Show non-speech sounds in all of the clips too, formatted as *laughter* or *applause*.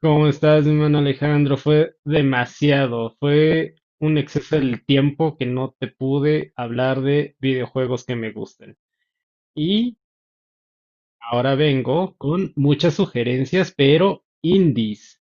¿Cómo estás, mi hermano Alejandro? Fue demasiado, fue un exceso del tiempo que no te pude hablar de videojuegos que me gusten. Y ahora vengo con muchas sugerencias, pero indies.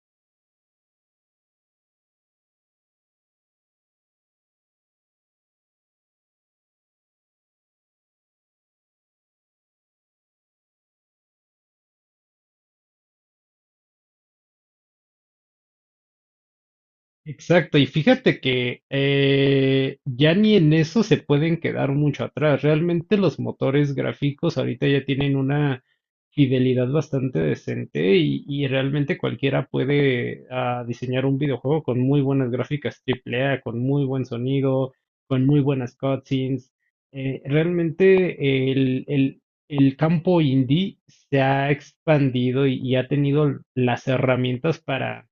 Exacto, y fíjate que ya ni en eso se pueden quedar mucho atrás. Realmente los motores gráficos ahorita ya tienen una fidelidad bastante decente y realmente cualquiera puede diseñar un videojuego con muy buenas gráficas AAA, con muy buen sonido, con muy buenas cutscenes. Realmente el campo indie se ha expandido y ha tenido las herramientas para,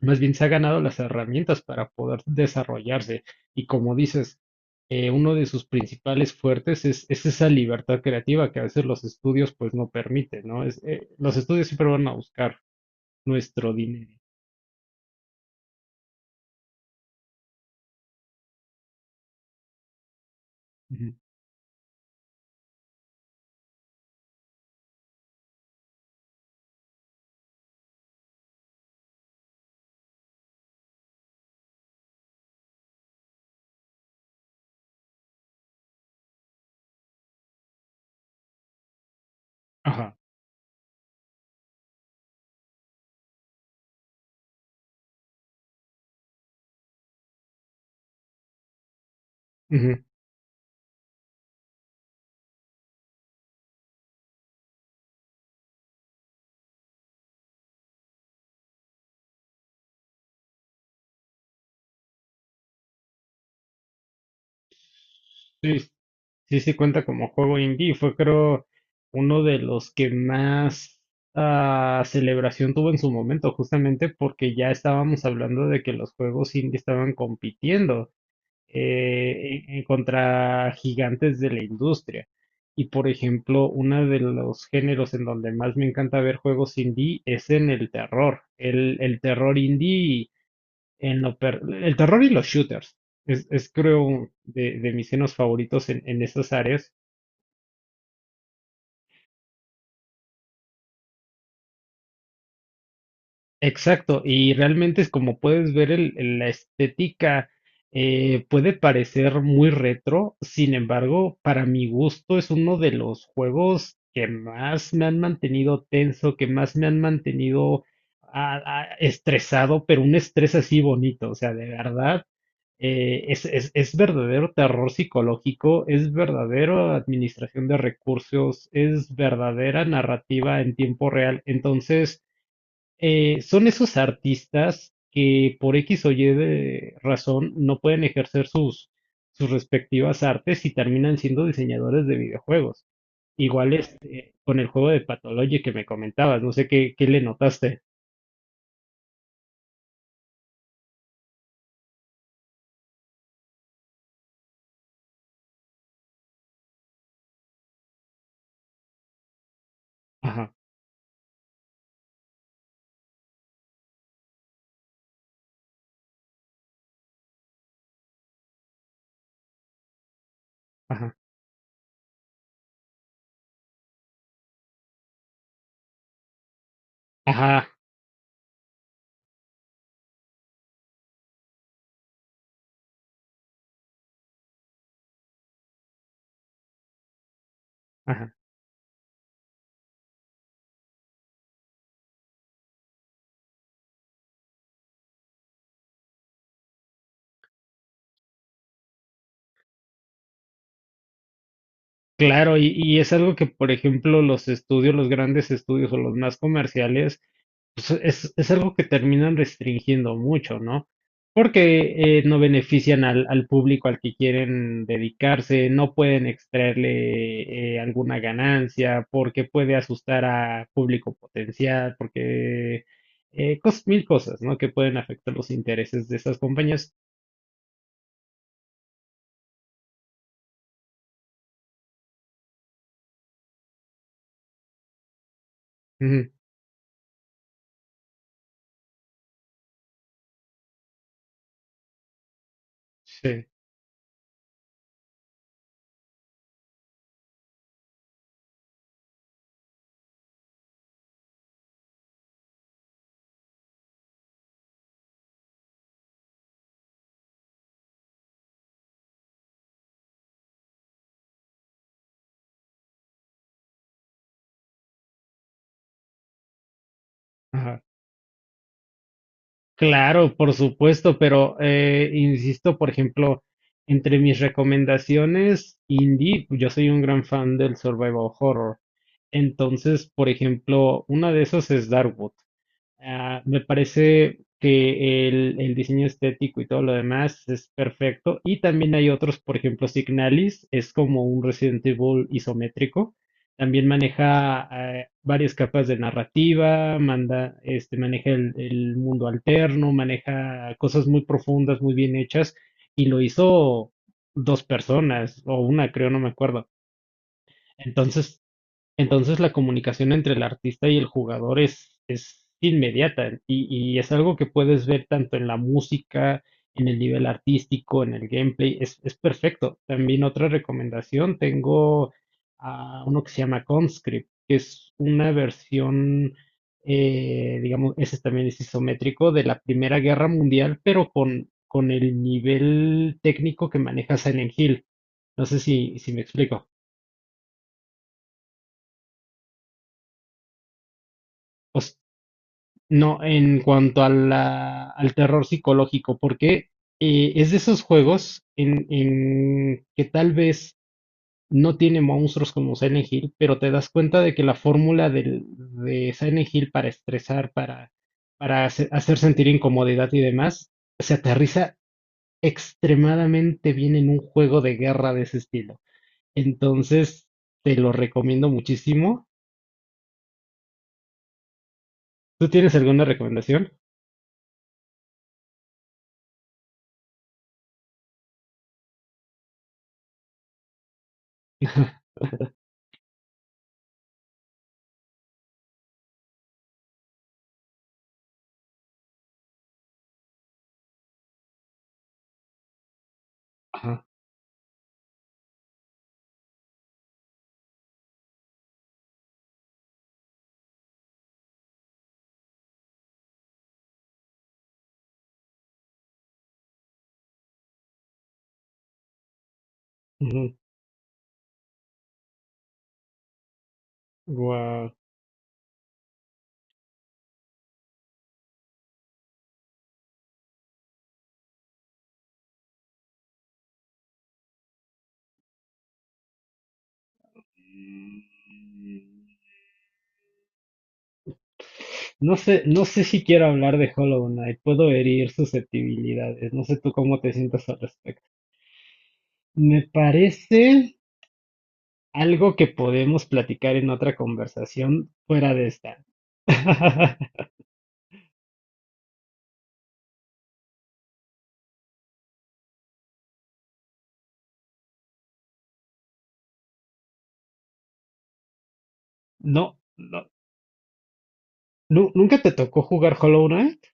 más bien, se ha ganado las herramientas para poder desarrollarse. Y como dices, uno de sus principales fuertes es esa libertad creativa que a veces los estudios pues no permiten, ¿no? Los estudios siempre van a buscar nuestro dinero. Ujú. Ajá. Ujú. Sí, sí, sí cuenta como juego indie. Fue creo uno de los que más celebración tuvo en su momento, justamente porque ya estábamos hablando de que los juegos indie estaban compitiendo, en contra gigantes de la industria. Y por ejemplo, uno de los géneros en donde más me encanta ver juegos indie es en el terror. El terror indie, el terror y los shooters. Es creo de mis géneros favoritos en esas áreas. Exacto, y realmente es como puedes ver la estética, puede parecer muy retro, sin embargo, para mi gusto es uno de los juegos que más me han mantenido tenso, que más me han mantenido, estresado, pero un estrés así bonito, o sea, de verdad, es verdadero terror psicológico, es verdadera administración de recursos, es verdadera narrativa en tiempo real. Entonces, son esos artistas que por X o Y de razón no pueden ejercer sus respectivas artes y terminan siendo diseñadores de videojuegos. Igual con el juego de Pathologic que me comentabas, no sé qué le notaste. Ajá, ajá, ajá, ajá. Claro, y es algo que, por ejemplo, los estudios, los grandes estudios o los más comerciales, pues es algo que terminan restringiendo mucho, ¿no? Porque no benefician al público al que quieren dedicarse, no pueden extraerle, alguna ganancia, porque puede asustar a público potencial, porque mil cosas, ¿no? Que pueden afectar los intereses de esas compañías. Ujú. Sí. Claro, por supuesto, pero insisto, por ejemplo, entre mis recomendaciones indie, yo soy un gran fan del survival horror. Entonces, por ejemplo, una de esas es Darkwood. Ah, me parece que el diseño estético y todo lo demás es perfecto. Y también hay otros, por ejemplo, Signalis es como un Resident Evil isométrico. También maneja, varias capas de narrativa, maneja el mundo alterno, maneja cosas muy profundas, muy bien hechas, y lo hizo dos personas, o una, creo, no me acuerdo. Entonces, la comunicación entre el artista y el jugador es inmediata, y es algo que puedes ver tanto en la música, en el nivel artístico, en el gameplay, es perfecto. También otra recomendación, tengo a uno que se llama Conscript, que es una versión, digamos, ese también es isométrico de la Primera Guerra Mundial, pero con el nivel técnico que maneja Silent Hill. No sé si me explico. O, No, en cuanto a al terror psicológico, porque es de esos juegos en que tal vez no tiene monstruos como Silent Hill, pero te das cuenta de que la fórmula de Silent Hill para estresar, hacer sentir incomodidad y demás, se aterriza extremadamente bien en un juego de guerra de ese estilo. Entonces, te lo recomiendo muchísimo. ¿Tú tienes alguna recomendación? Ajá. Guau. No sé si quiero hablar de Hollow Knight, puedo herir susceptibilidades, no sé tú cómo te sientas al respecto. Me parece algo que podemos platicar en otra conversación fuera de esta. *laughs* No, no, nunca te tocó jugar Hollow Knight.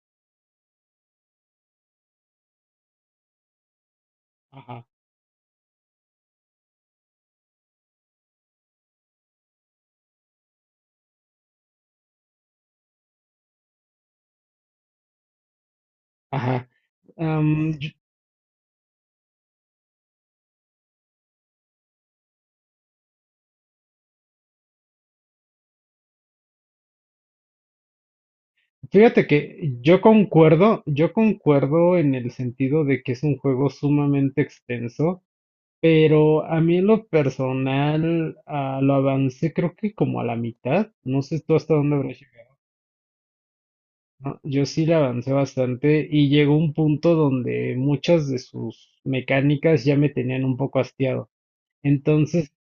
Ajá. Ajá. Am, yo- fíjate que yo concuerdo en el sentido de que es un juego sumamente extenso. Pero a mí en lo personal, lo avancé creo que como a la mitad, no sé tú hasta dónde habrás llegado, ¿no? Yo sí le avancé bastante y llegó un punto donde muchas de sus mecánicas ya me tenían un poco hastiado. Entonces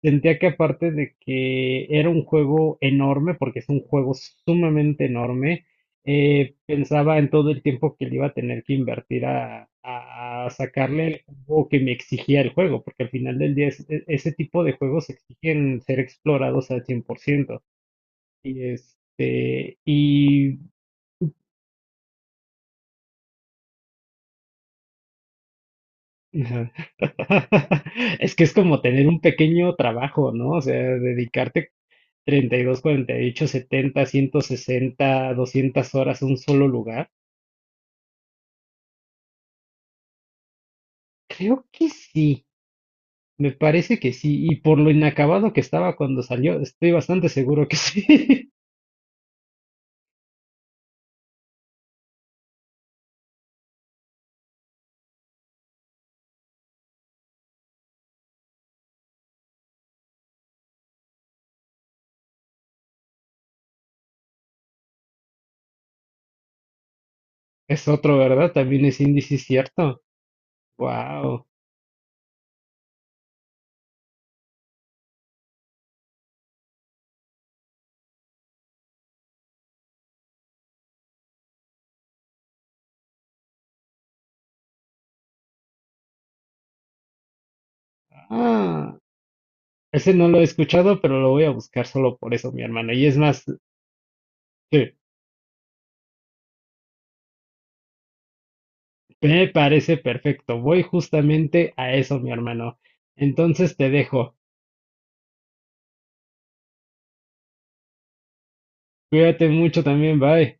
sentía que, aparte de que era un juego enorme, porque es un juego sumamente enorme, pensaba en todo el tiempo que le iba a tener que invertir a, a sacarle el juego que me exigía el juego, porque al final del día ese tipo de juegos exigen ser explorados al 100%. Y este, y *laughs* Es que es como tener un pequeño trabajo, ¿no? O sea, ¿dedicarte 32, 48, 160, 200 horas a un solo lugar? Creo que sí, me parece que sí, y por lo inacabado que estaba cuando salió, estoy bastante seguro que sí. *laughs* Es otro, ¿verdad? También es índice cierto. Wow. Ah, ese no lo he escuchado, pero lo voy a buscar solo por eso, mi hermano. Y es más, sí, me parece perfecto. Voy justamente a eso, mi hermano. Entonces te dejo. Cuídate mucho también, bye.